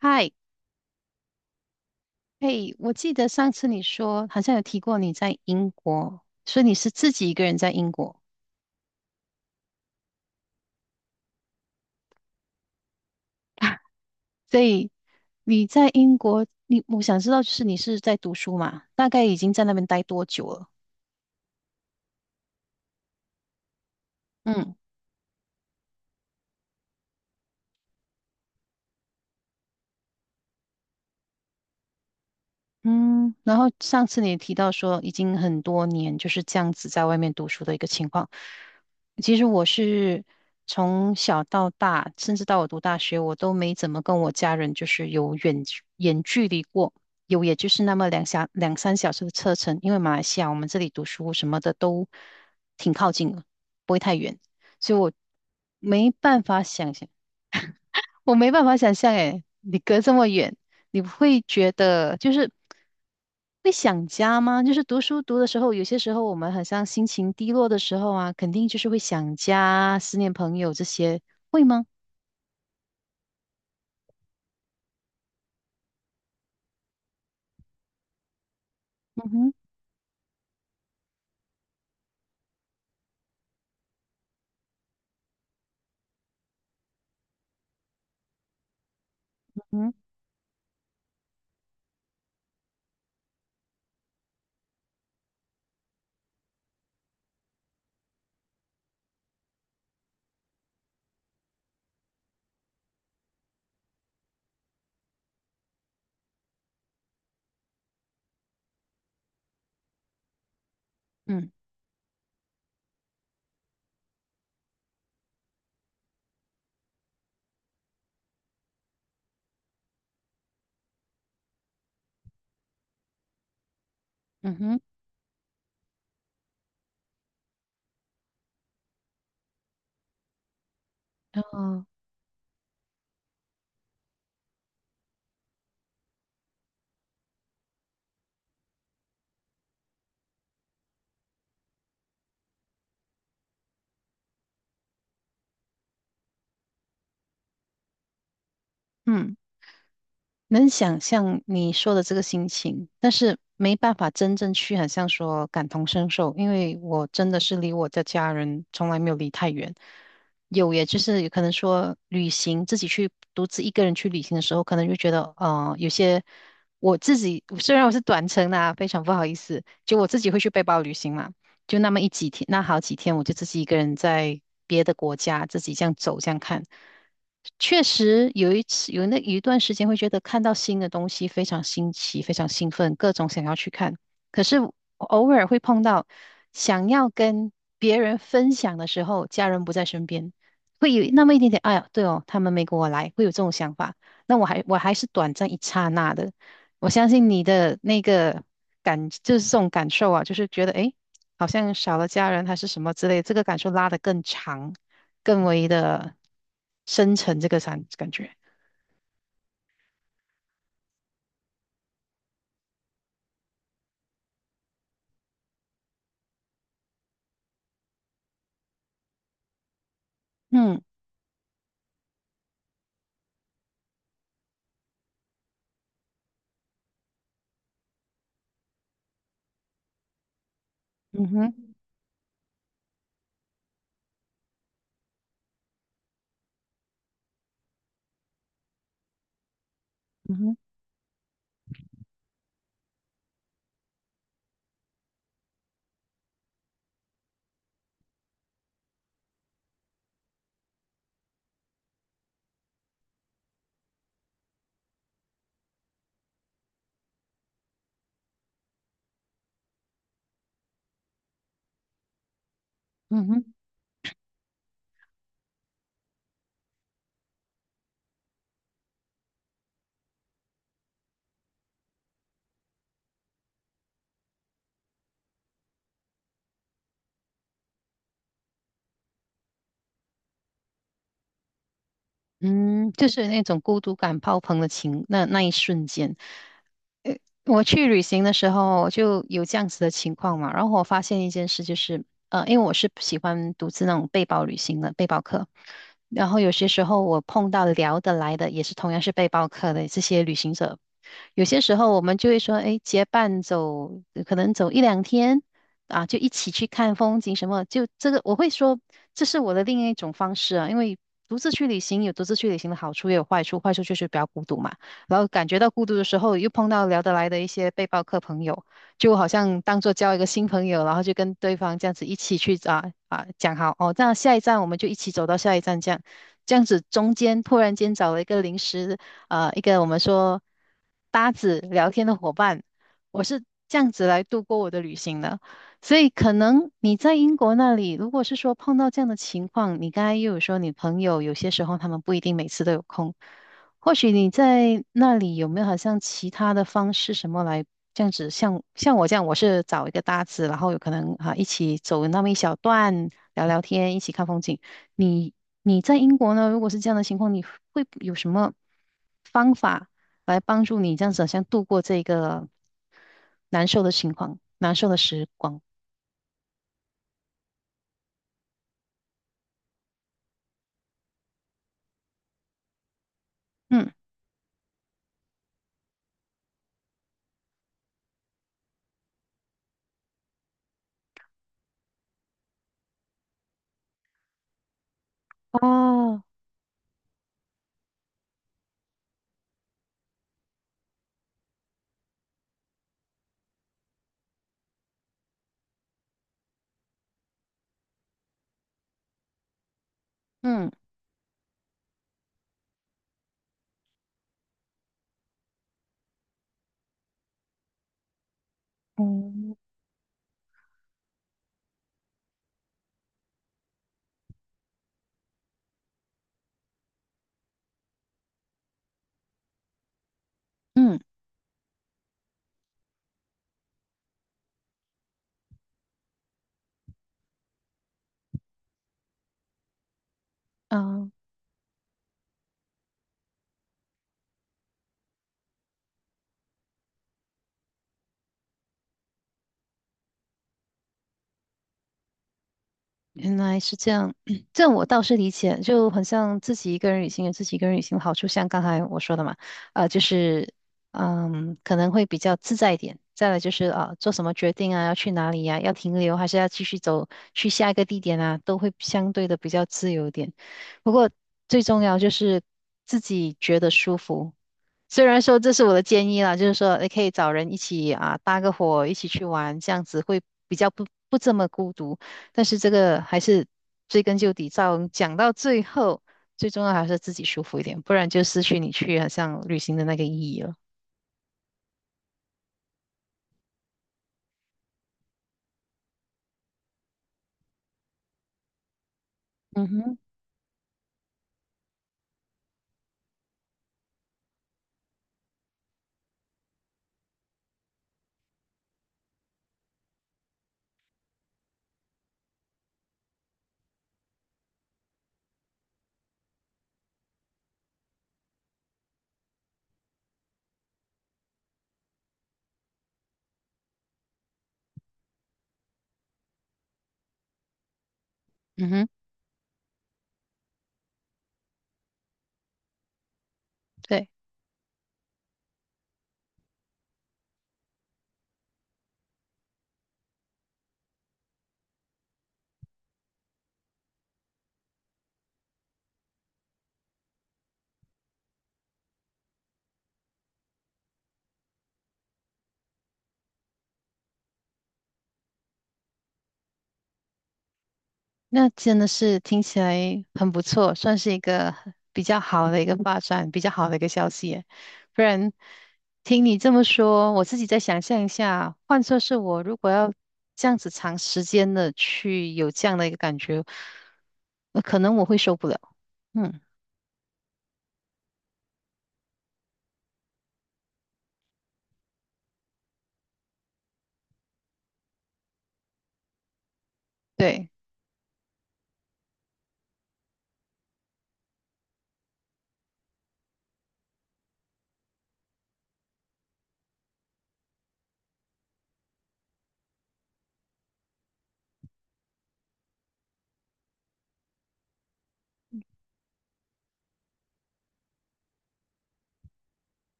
嗨，嘿，我记得上次你说好像有提过你在英国，所以你是自己一个人在英国，所以你在英国，我想知道就是你是在读书嘛？大概已经在那边待多久了？嗯嗯，然后上次你也提到说，已经很多年就是这样子在外面读书的一个情况。其实我是从小到大，甚至到我读大学，我都没怎么跟我家人就是有远距离过，有也就是那么两三小时的车程，因为马来西亚我们这里读书什么的都挺靠近的，不会太远，所以我没办法想象。我没办法想象，诶，你隔这么远，你不会觉得就是会想家吗？就是读书读的时候，有些时候我们好像心情低落的时候啊，肯定就是会想家、思念朋友这些，会吗？嗯哼，嗯嗯嗯哼，哦，嗯。能想象你说的这个心情，但是没办法真正去很像说感同身受，因为我真的是离我的家人从来没有离太远。有，也就是有可能说旅行，自己去独自一个人去旅行的时候，可能就觉得，有些我自己虽然我是短程的啊，非常不好意思，就我自己会去背包旅行嘛，就那么几天，那好几天，我就自己一个人在别的国家自己这样走这样看。确实有一次有那有一段时间会觉得看到新的东西非常新奇，非常兴奋，各种想要去看。可是偶尔会碰到想要跟别人分享的时候，家人不在身边，会有那么一点点，哎呀，对哦，他们没跟我来，会有这种想法。那我还是短暂一刹那的，我相信你的那个就是这种感受啊，就是觉得诶，好像少了家人还是什么之类，这个感受拉得更长，更为的。深沉这个感觉。嗯嗯哼嗯哼嗯哼嗯，就是那种孤独感爆棚的那一瞬间，我去旅行的时候就有这样子的情况嘛。然后我发现一件事，就是因为我是喜欢独自那种背包旅行的背包客，然后有些时候我碰到聊得来的，也是同样是背包客的这些旅行者有些时候我们就会说，哎，结伴走，可能走一两天啊，就一起去看风景什么。就这个，我会说这是我的另一种方式啊，因为独自去旅行有独自去旅行的好处，也有坏处。坏处就是比较孤独嘛，然后感觉到孤独的时候，又碰到聊得来的一些背包客朋友，就好像当做交一个新朋友，然后就跟对方这样子一起去啊讲好哦，那下一站我们就一起走到下一站这样。这样子中间突然间找了一个临时。一个我们说搭子聊天的伙伴，我是这样子来度过我的旅行的。所以可能你在英国那里，如果是说碰到这样的情况，你刚才又有说你朋友有些时候他们不一定每次都有空，或许你在那里有没有好像其他的方式什么来这样子，像我这样，我是找一个搭子，然后有可能啊一起走那么一小段聊聊天，一起看风景。你你在英国呢？如果是这样的情况，你会有什么方法来帮助你这样子，好像度过这个难受的情况、难受的时光？嗯哦，嗯嗯，嗯啊，原来是这样，这样我倒是理解，就很像自己一个人旅行有自己一个人旅行的好处，像刚才我说的嘛，就是可能会比较自在一点。再来就是啊、做什么决定啊，要去哪里呀、要停留还是要继续走去下一个地点啊，都会相对的比较自由一点。不过最重要就是自己觉得舒服，虽然说这是我的建议啦，就是说你可以找人一起啊搭个伙，一起去玩，这样子会比较不这么孤独。但是这个还是追根究底，到讲到最后，最重要还是自己舒服一点，不然就失去你去好像旅行的那个意义了。嗯哼，嗯哼，对。那真的是听起来很不错，算是一个比较好的一个发展，比较好的一个消息耶不然，听你这么说，我自己再想象一下，换作是我，如果要这样子长时间的去有这样的一个感觉，可能我会受不了。嗯，对，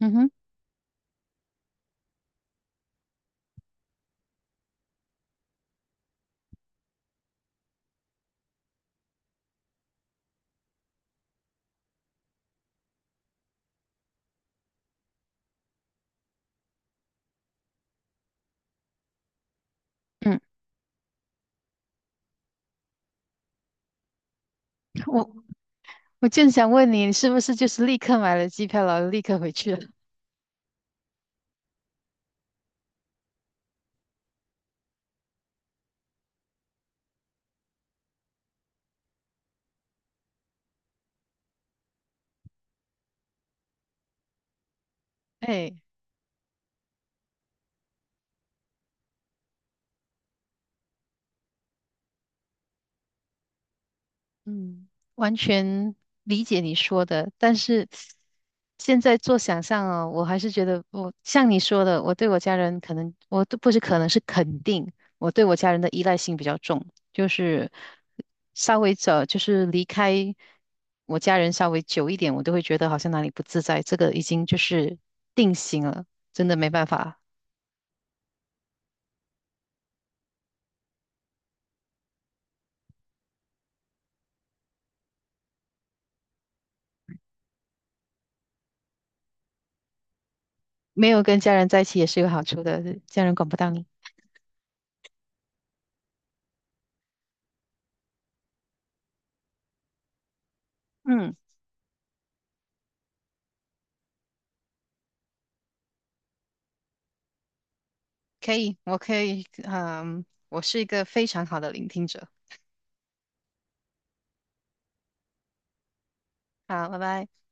嗯哼，嗯，我我正想问你，你是不是就是立刻买了机票，然后立刻回去了？哎，嗯，完全理解你说的，但是现在做想象哦，我还是觉得我像你说的，我对我家人可能我都不是可能是肯定，我对我家人的依赖性比较重，就是稍微走，就是离开我家人稍微久一点，我都会觉得好像哪里不自在，这个已经就是定型了，真的没办法，没有跟家人在一起也是有好处的，家人管不到你。嗯。可以，我可以，嗯，我是一个非常好的聆听者。好，拜拜。